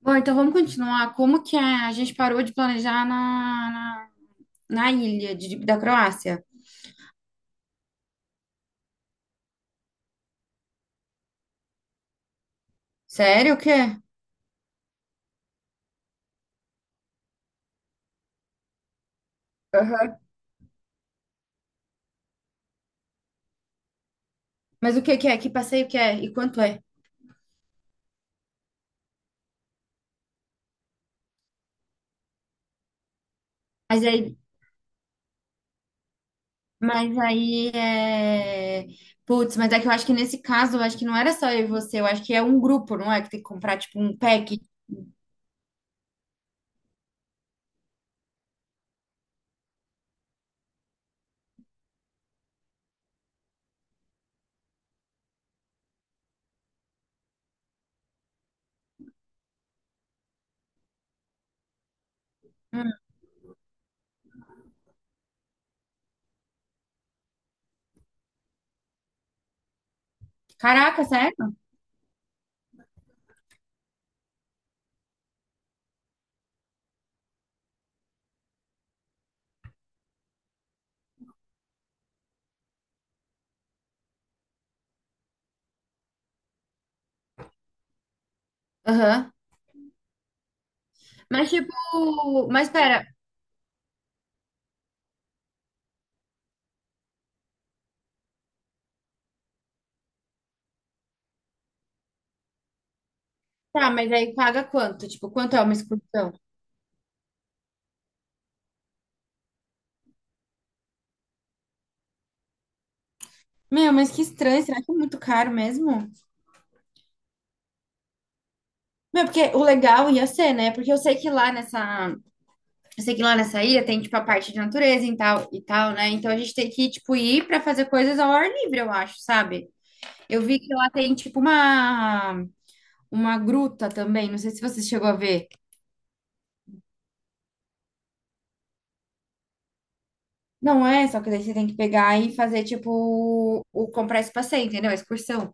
Bom, então vamos continuar. Como que a gente parou de planejar na ilha da Croácia? Sério, o quê? Aham. Mas o que que é? Que passeio que é? E quanto é? Mas aí, mas aí é... Putz, mas é que eu acho que nesse caso, eu acho que não era só eu e você, eu acho que é um grupo, não é? Que tem que comprar, tipo, um pack. Hum. Caraca, sério? Aham. Mas, tipo... Mas, pera. Tá, mas aí paga quanto? Tipo, quanto é uma excursão? Meu, mas que estranho. Será que é muito caro mesmo? Meu, porque o legal ia ser, né? Porque eu sei que lá nessa ilha tem tipo a parte de natureza e tal, né? Então a gente tem que tipo ir pra fazer coisas ao ar livre, eu acho, sabe? Eu vi que lá tem tipo uma gruta também, não sei se você chegou a ver. Não é, só que daí você tem que pegar e fazer tipo o comprar esse passeio, entendeu? A excursão.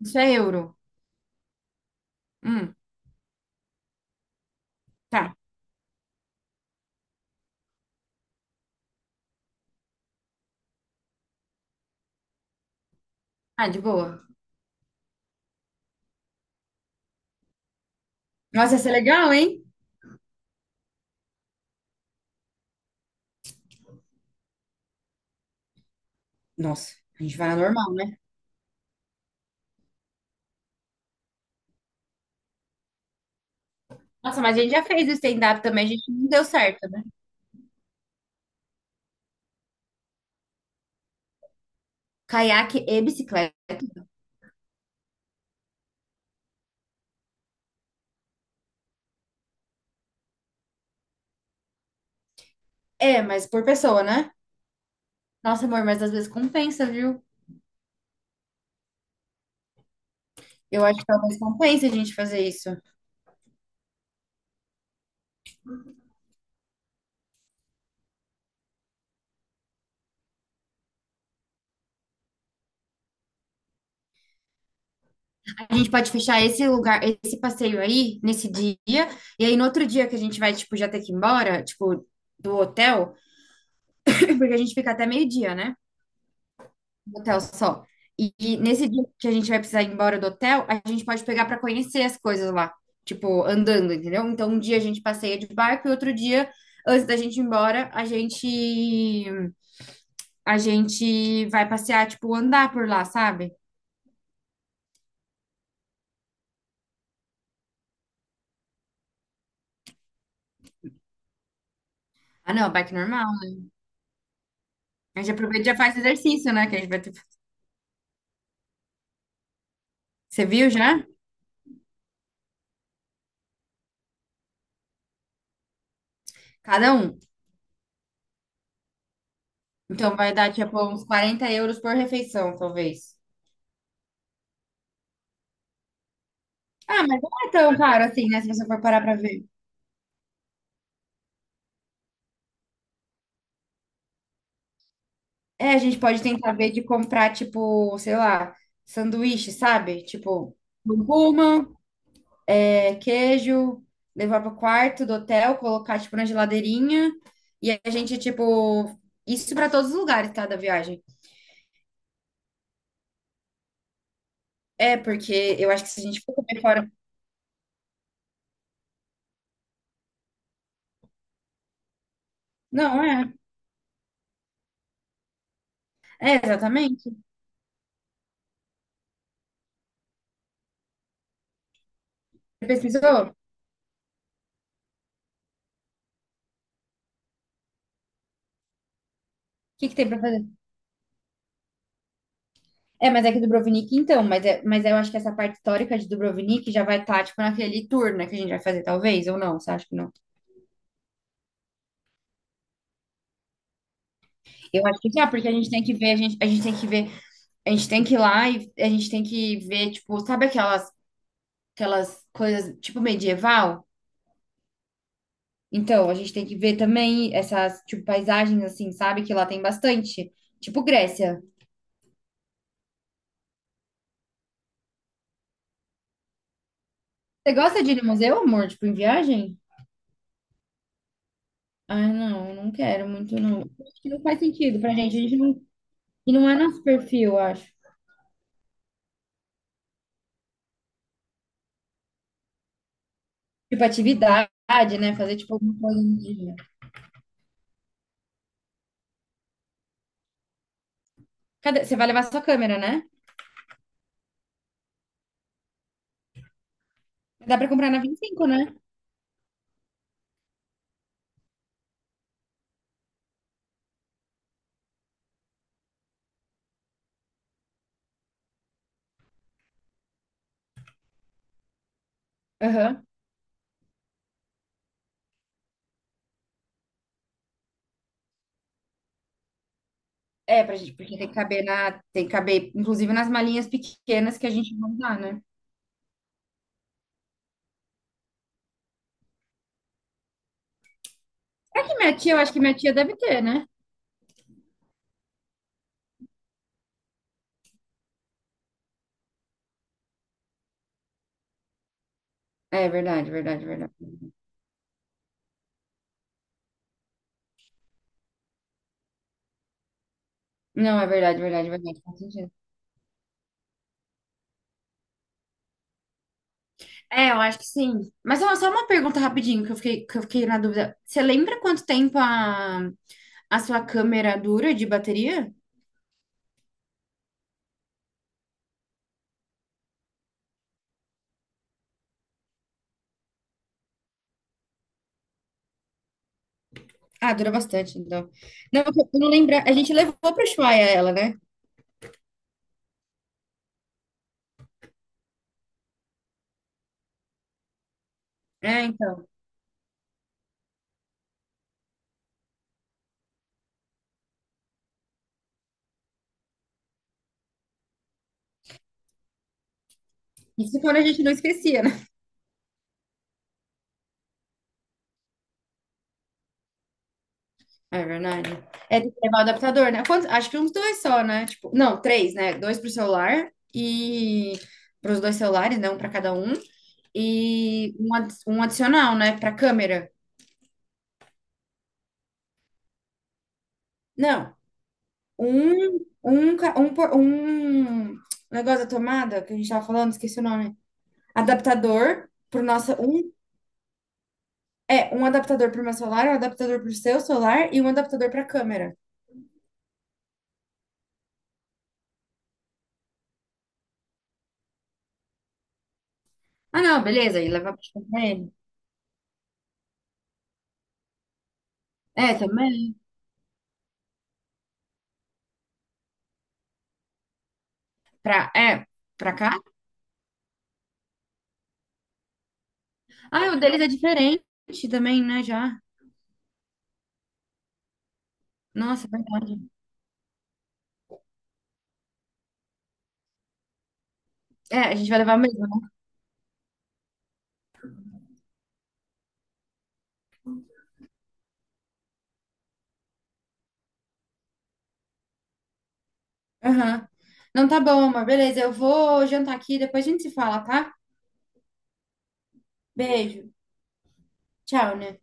Isso é euro. Hum, tá. Ah, de boa. Nossa, ia ser legal, hein? Nossa, a gente vai na normal, né? Nossa, mas a gente já fez o stand-up também, a gente não deu certo, né? Caiaque e bicicleta. É, mas por pessoa, né? Nossa, amor, mas às vezes compensa, viu? Eu acho que talvez compense a gente fazer isso. A gente pode fechar esse lugar, esse passeio aí, nesse dia, e aí no outro dia que a gente vai, tipo, já ter que ir embora, tipo, do hotel, porque a gente fica até meio-dia, né? No hotel só. E nesse dia que a gente vai precisar ir embora do hotel, a gente pode pegar pra conhecer as coisas lá, tipo, andando, entendeu? Então, um dia a gente passeia de barco e outro dia, antes da gente ir embora, a gente vai passear, tipo, andar por lá, sabe? Ah, não, bike normal. A gente aproveita e já faz exercício, né? Que a gente vai ter. Você viu já? Cada um. Então vai dar, tipo, uns 40 euros por refeição, talvez. Ah, mas não é tão caro assim, né? Se você for parar pra ver. É, a gente pode tentar ver de comprar, tipo, sei lá, sanduíche, sabe? Tipo, curcuma, queijo, levar pro quarto do hotel, colocar, tipo, na geladeirinha. E a gente, tipo, isso pra todos os lugares, tá, da viagem. É, porque eu acho que se a gente for comer fora. Não, é. É, exatamente. Você pesquisou? O que que tem pra fazer? É, mas é que Dubrovnik, então, mas eu acho que essa parte histórica de Dubrovnik já vai estar, tipo, naquele tour, né, que a gente vai fazer, talvez, ou não, você acha que não? Eu acho que já, porque a gente tem que ver, a gente tem que ver, a gente tem que ir lá e a gente tem que ver, tipo, sabe aquelas coisas, tipo, medieval? Então, a gente tem que ver também essas, tipo, paisagens, assim, sabe, que lá tem bastante, tipo Grécia. Você gosta de ir no museu, amor? Tipo, em viagem? Ah, não, não quero muito, não. Acho que não faz sentido pra gente. A gente não, e não é nosso perfil, eu acho. Tipo, atividade, né? Fazer, tipo, alguma coisa no dia. Cadê? Você vai levar sua câmera, né? Dá pra comprar na 25, né? Aham. É, pra gente, porque tem que caber, inclusive, nas malinhas pequenas que a gente vai usar, né? É que minha tia, eu acho que minha tia deve ter, né? É verdade, verdade, verdade. Não, é verdade, verdade, verdade. Faz sentido. É, eu acho que sim. Mas ó, só uma pergunta rapidinho que eu fiquei, na dúvida. Você lembra quanto tempo a sua câmera dura de bateria? Ah, dura bastante, então. Não, porque eu não lembra. A gente levou para o Ushuaia ela, né? É, então. Isso quando a gente não esquecia, né? É verdade. É, tem que levar o adaptador, né? Acho que uns dois só, né? Tipo, não, três, né? Dois pro celular e para os dois celulares, né? Um para cada um. E um adicional, né? Para câmera. Não. Um negócio da tomada que a gente tava falando, esqueci o nome. Adaptador pro nosso. Um adaptador pro meu celular, um adaptador pro seu celular e um adaptador pra câmera. Ah, não, beleza. E levar pra comprar ele. É, também. Pra, é, pra cá? Ah, o deles é diferente também, né? Já. Nossa, é verdade. É, a gente vai levar mesmo, né? Aham. Não, tá bom, amor. Beleza, eu vou jantar aqui, depois a gente se fala, tá? Beijo. Tchau, né?